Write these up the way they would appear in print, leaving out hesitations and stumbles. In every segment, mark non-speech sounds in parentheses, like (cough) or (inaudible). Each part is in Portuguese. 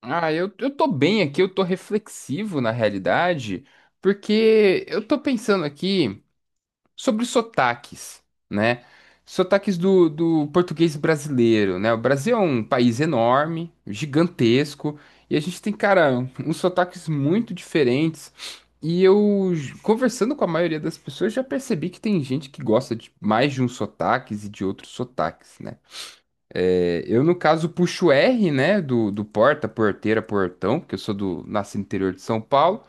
Eu tô bem aqui, eu tô reflexivo na realidade, porque eu tô pensando aqui sobre sotaques, né? Sotaques do português brasileiro, né? O Brasil é um país enorme, gigantesco, e a gente tem, cara, uns sotaques muito diferentes. E conversando com a maioria das pessoas, já percebi que tem gente que gosta de mais de uns sotaques e de outros sotaques, né? Eu, no caso, puxo R, né, do porta, porteira, portão, porque eu sou do, nasci no interior de São Paulo.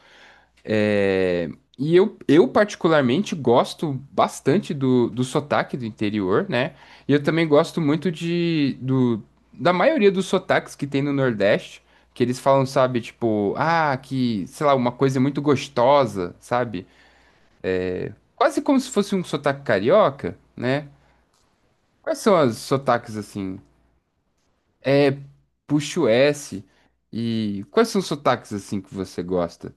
É, E eu particularmente gosto bastante do sotaque do interior, né? E eu também gosto muito da maioria dos sotaques que tem no Nordeste, que eles falam, sabe, tipo, ah, que, sei lá, uma coisa muito gostosa, sabe? Quase como se fosse um sotaque carioca, né? Quais são os sotaques assim? É, Puxa o S. E quais são os sotaques assim que você gosta?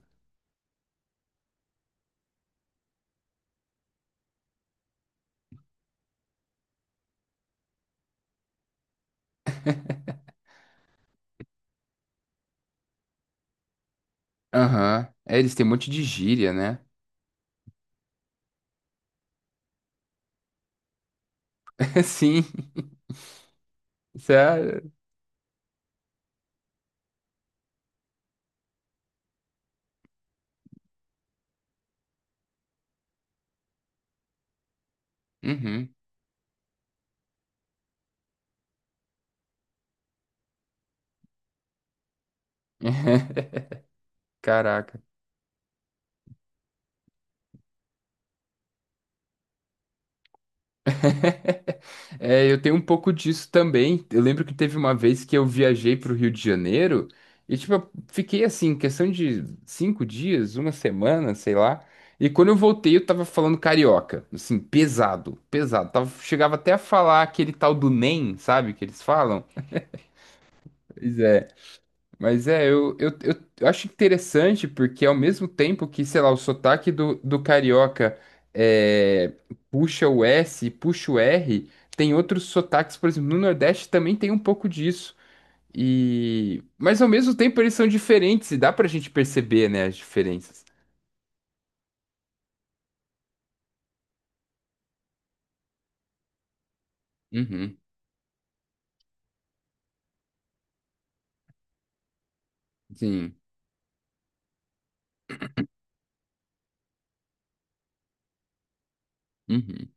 Aham. É, eles têm um monte de gíria, né? (laughs) Sim. Sério. Uhum. (laughs) Caraca. É, eu tenho um pouco disso também. Eu lembro que teve uma vez que eu viajei pro Rio de Janeiro e, tipo, eu fiquei assim, questão de cinco dias, uma semana, sei lá. E quando eu voltei, eu tava falando carioca, assim, pesado, pesado. Tava, chegava até a falar aquele tal do NEM, sabe, que eles falam. Pois é. Mas é, eu acho interessante porque ao mesmo tempo que, sei lá, o sotaque do carioca é, puxa o S, puxa o R, tem outros sotaques, por exemplo, no Nordeste também tem um pouco disso. E mas ao mesmo tempo eles são diferentes e dá pra gente perceber, né, as diferenças. Uhum, sim. Uhum.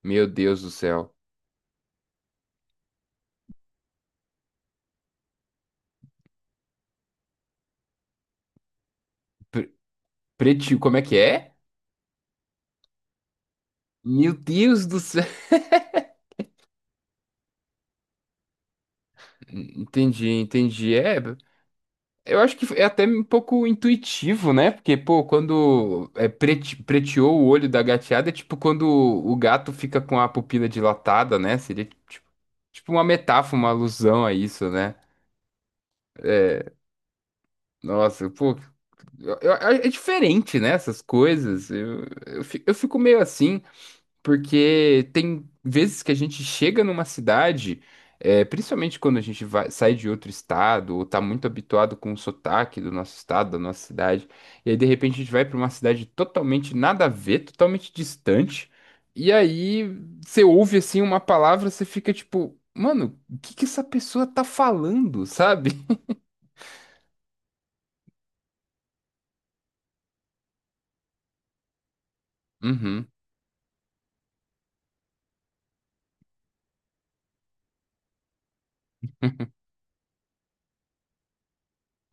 Meu Deus do céu. Pre- Pretinho, como é que é? Meu Deus do céu. (laughs) Entendi, entendi. É, eu acho que é até um pouco intuitivo, né? Porque, pô, preteou o olho da gateada, é tipo quando o gato fica com a pupila dilatada, né? Seria tipo, tipo uma metáfora, uma alusão a isso, né? Nossa, pô, é diferente, né? Essas coisas. Eu fico meio assim. Porque tem vezes que a gente chega numa cidade, é, principalmente quando a gente sai de outro estado, ou tá muito habituado com o sotaque do nosso estado, da nossa cidade, e aí de repente a gente vai para uma cidade totalmente nada a ver, totalmente distante, e aí você ouve assim uma palavra, você fica tipo, mano, o que que essa pessoa tá falando, sabe? (laughs) Uhum,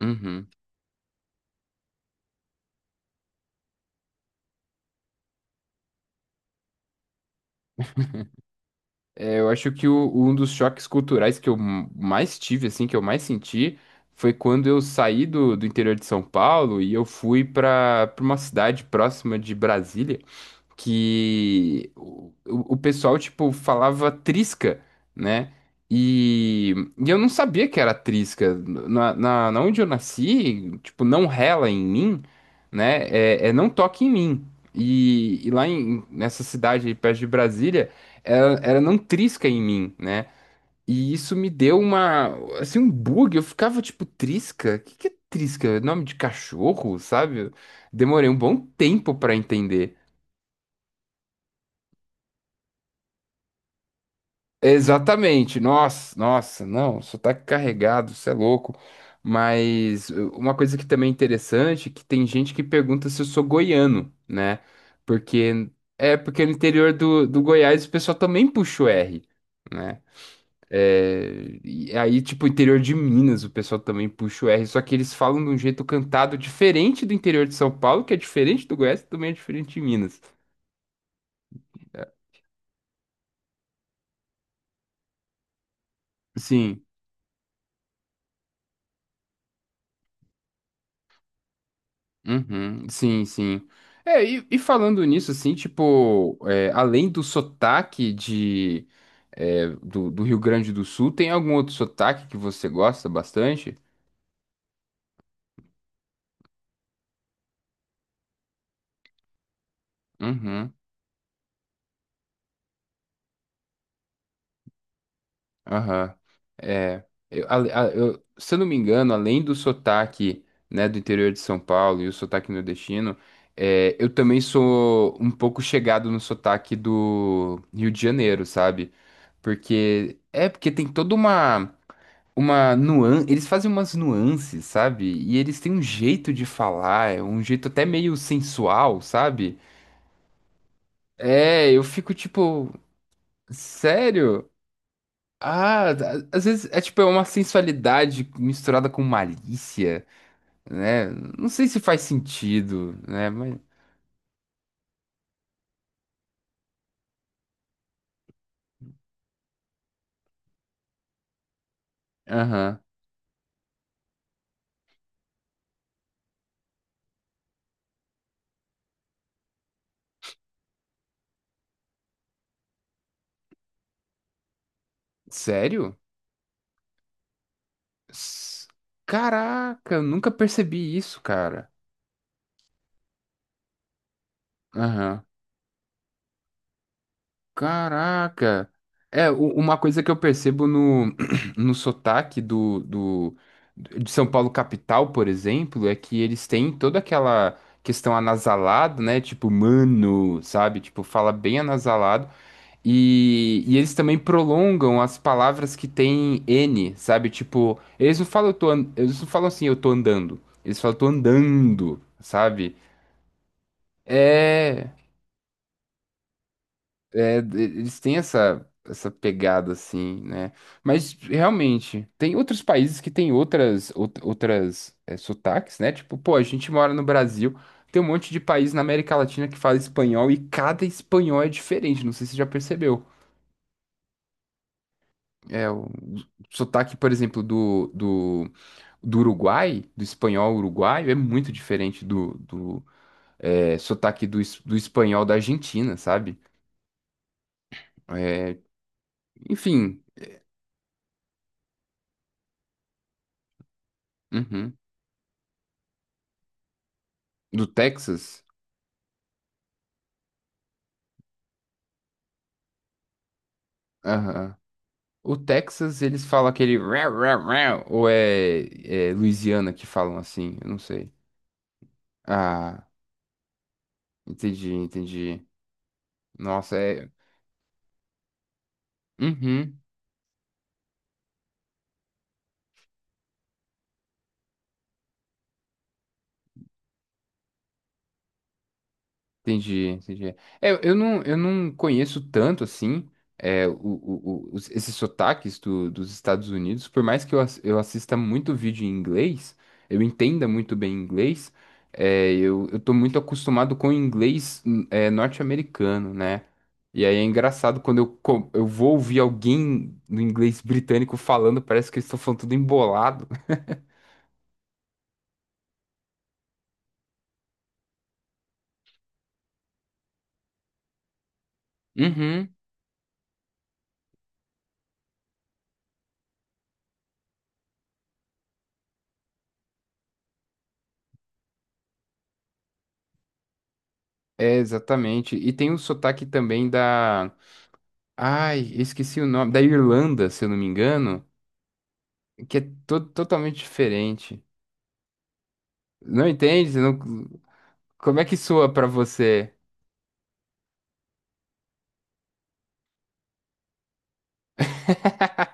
uhum. É, eu acho que um dos choques culturais mais tive, assim, que eu mais senti, foi quando eu saí do interior de São Paulo e eu fui para uma cidade próxima de Brasília que o pessoal, tipo, falava trisca, né? E eu não sabia que era trisca. Na onde eu nasci, tipo, não rela em mim, né? É, é não toque em mim. E lá em, nessa cidade aí perto de Brasília, era não trisca em mim, né? E isso me deu uma, assim, um bug. Eu ficava tipo, trisca? O que que é trisca? É Nome de cachorro, sabe? Demorei um bom tempo pra entender. Exatamente, nossa, nossa, não, sotaque carregado, isso é louco. Mas uma coisa que também é interessante é que tem gente que pergunta se eu sou goiano, né? Porque é porque no interior do Goiás o pessoal também puxa o R, né? É, e aí, tipo, interior de Minas, o pessoal também puxa o R, só que eles falam de um jeito cantado diferente do interior de São Paulo, que é diferente do Goiás, que também é diferente de Minas. É, sim. Uhum, sim. É, e falando nisso, assim, tipo, é, além do sotaque de, é, do Rio Grande do Sul, tem algum outro sotaque que você gosta bastante? Uhum, aham. É, eu, se eu não me engano, além do sotaque, né, do interior de São Paulo e o sotaque nordestino, é, eu também sou um pouco chegado no sotaque do Rio de Janeiro, sabe? Porque, é, porque tem toda uma nuan, eles fazem umas nuances, sabe? E eles têm um jeito de falar, é um jeito até meio sensual, sabe? É, eu fico tipo, sério? Ah, às vezes é tipo é uma sensualidade misturada com malícia, né? Não sei se faz sentido, né? Mas, aham. Sério? S- Caraca, eu nunca percebi isso, cara. Aham. Caraca! É, uma coisa que eu percebo no, (clears throat) no sotaque de São Paulo capital, por exemplo, é que eles têm toda aquela questão anasalada, né? Tipo, mano, sabe? Tipo, fala bem anasalado. E eles também prolongam as palavras que têm N, sabe? Tipo, eles não falam, eles não falam assim, eu tô andando. Eles falam, tô andando, sabe? É. É, eles têm essa pegada assim, né? Mas realmente, tem outros países que têm outras é, sotaques, né? Tipo, pô, a gente mora no Brasil, tem um monte de país na América Latina que fala espanhol e cada espanhol é diferente, não sei se você já percebeu. É, o sotaque, por exemplo, do Uruguai, do espanhol uruguaio, é muito diferente do é, sotaque do espanhol da Argentina, sabe? É, enfim, uhum. Do Texas. Aham. O Texas, eles falam aquele rau, rau, rau, ou é, é Louisiana que falam assim? Eu não sei. Ah, entendi, entendi. Nossa, é. Uhum. Entendi, entendi. É, eu não conheço tanto assim é, esses sotaques dos Estados Unidos, por mais que eu assista muito vídeo em inglês, eu entenda muito bem inglês, é, eu tô muito acostumado com o inglês é, norte-americano, né? E aí é engraçado quando eu vou ouvir alguém no inglês britânico falando, parece que eles estão falando tudo embolado. (laughs) Uhum, é, exatamente. E tem o sotaque também da. Ai, eu esqueci o nome. Da Irlanda, se eu não me engano, que é totalmente diferente. Não entende? Você não- Como é que soa pra você? (laughs)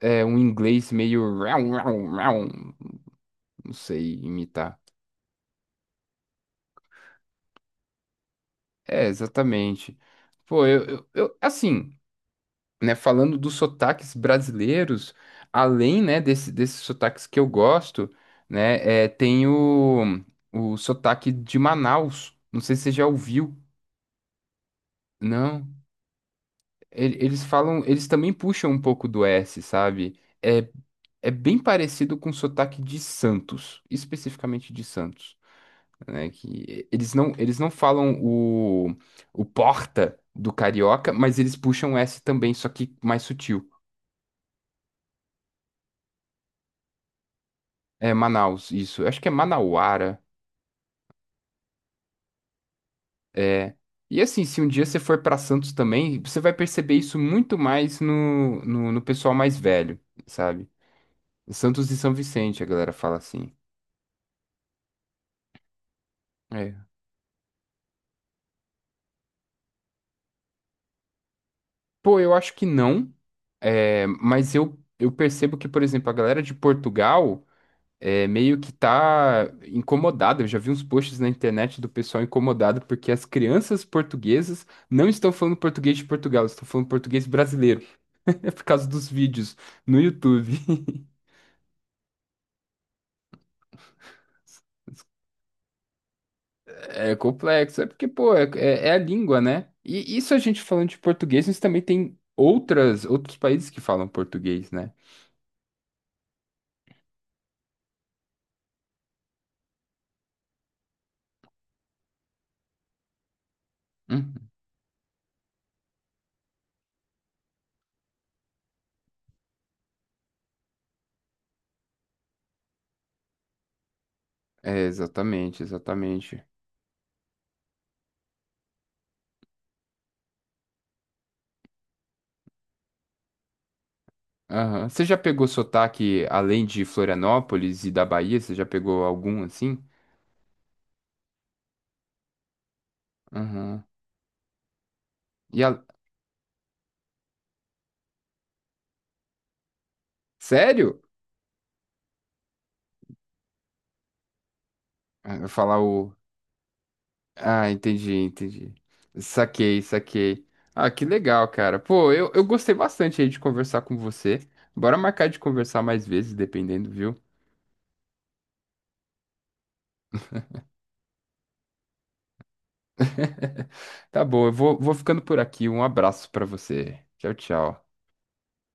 É um inglês meio. Rau, rau, rau. Não sei imitar. É, exatamente. Pô, assim, né? Falando dos sotaques brasileiros, além, né, desses sotaques que eu gosto, né? É, tem o sotaque de Manaus. Não sei se você já ouviu. Não. Eles falam, eles também puxam um pouco do S, sabe? É, é bem parecido com o sotaque de Santos, especificamente de Santos, né? Que eles não falam o porta do carioca, mas eles puxam o S também, só que mais sutil. É Manaus, isso. Eu acho que é Manauara. É. E assim, se um dia você for para Santos também, você vai perceber isso muito mais no pessoal mais velho, sabe? Santos e São Vicente, a galera fala assim. É. Pô, eu acho que não, é, mas eu percebo que, por exemplo, a galera de Portugal é, meio que tá incomodada. Eu já vi uns posts na internet do pessoal incomodado porque as crianças portuguesas não estão falando português de Portugal, estão falando português brasileiro, (laughs) é por causa dos vídeos no YouTube. (laughs) É complexo, é porque, pô, é a língua, né? E isso a gente falando de português, mas também tem outros países que falam português, né? Uhum. É, exatamente, exatamente. Aham. Você já pegou sotaque além de Florianópolis e da Bahia? Você já pegou algum assim? Aham. E a sério? Ah, eu falar o. Ah, entendi, entendi. Saquei, saquei. Ah, que legal, cara. Pô, eu gostei bastante aí de conversar com você. Bora marcar de conversar mais vezes, dependendo, viu? (laughs) Tá bom, vou ficando por aqui. Um abraço pra você. Tchau, tchau.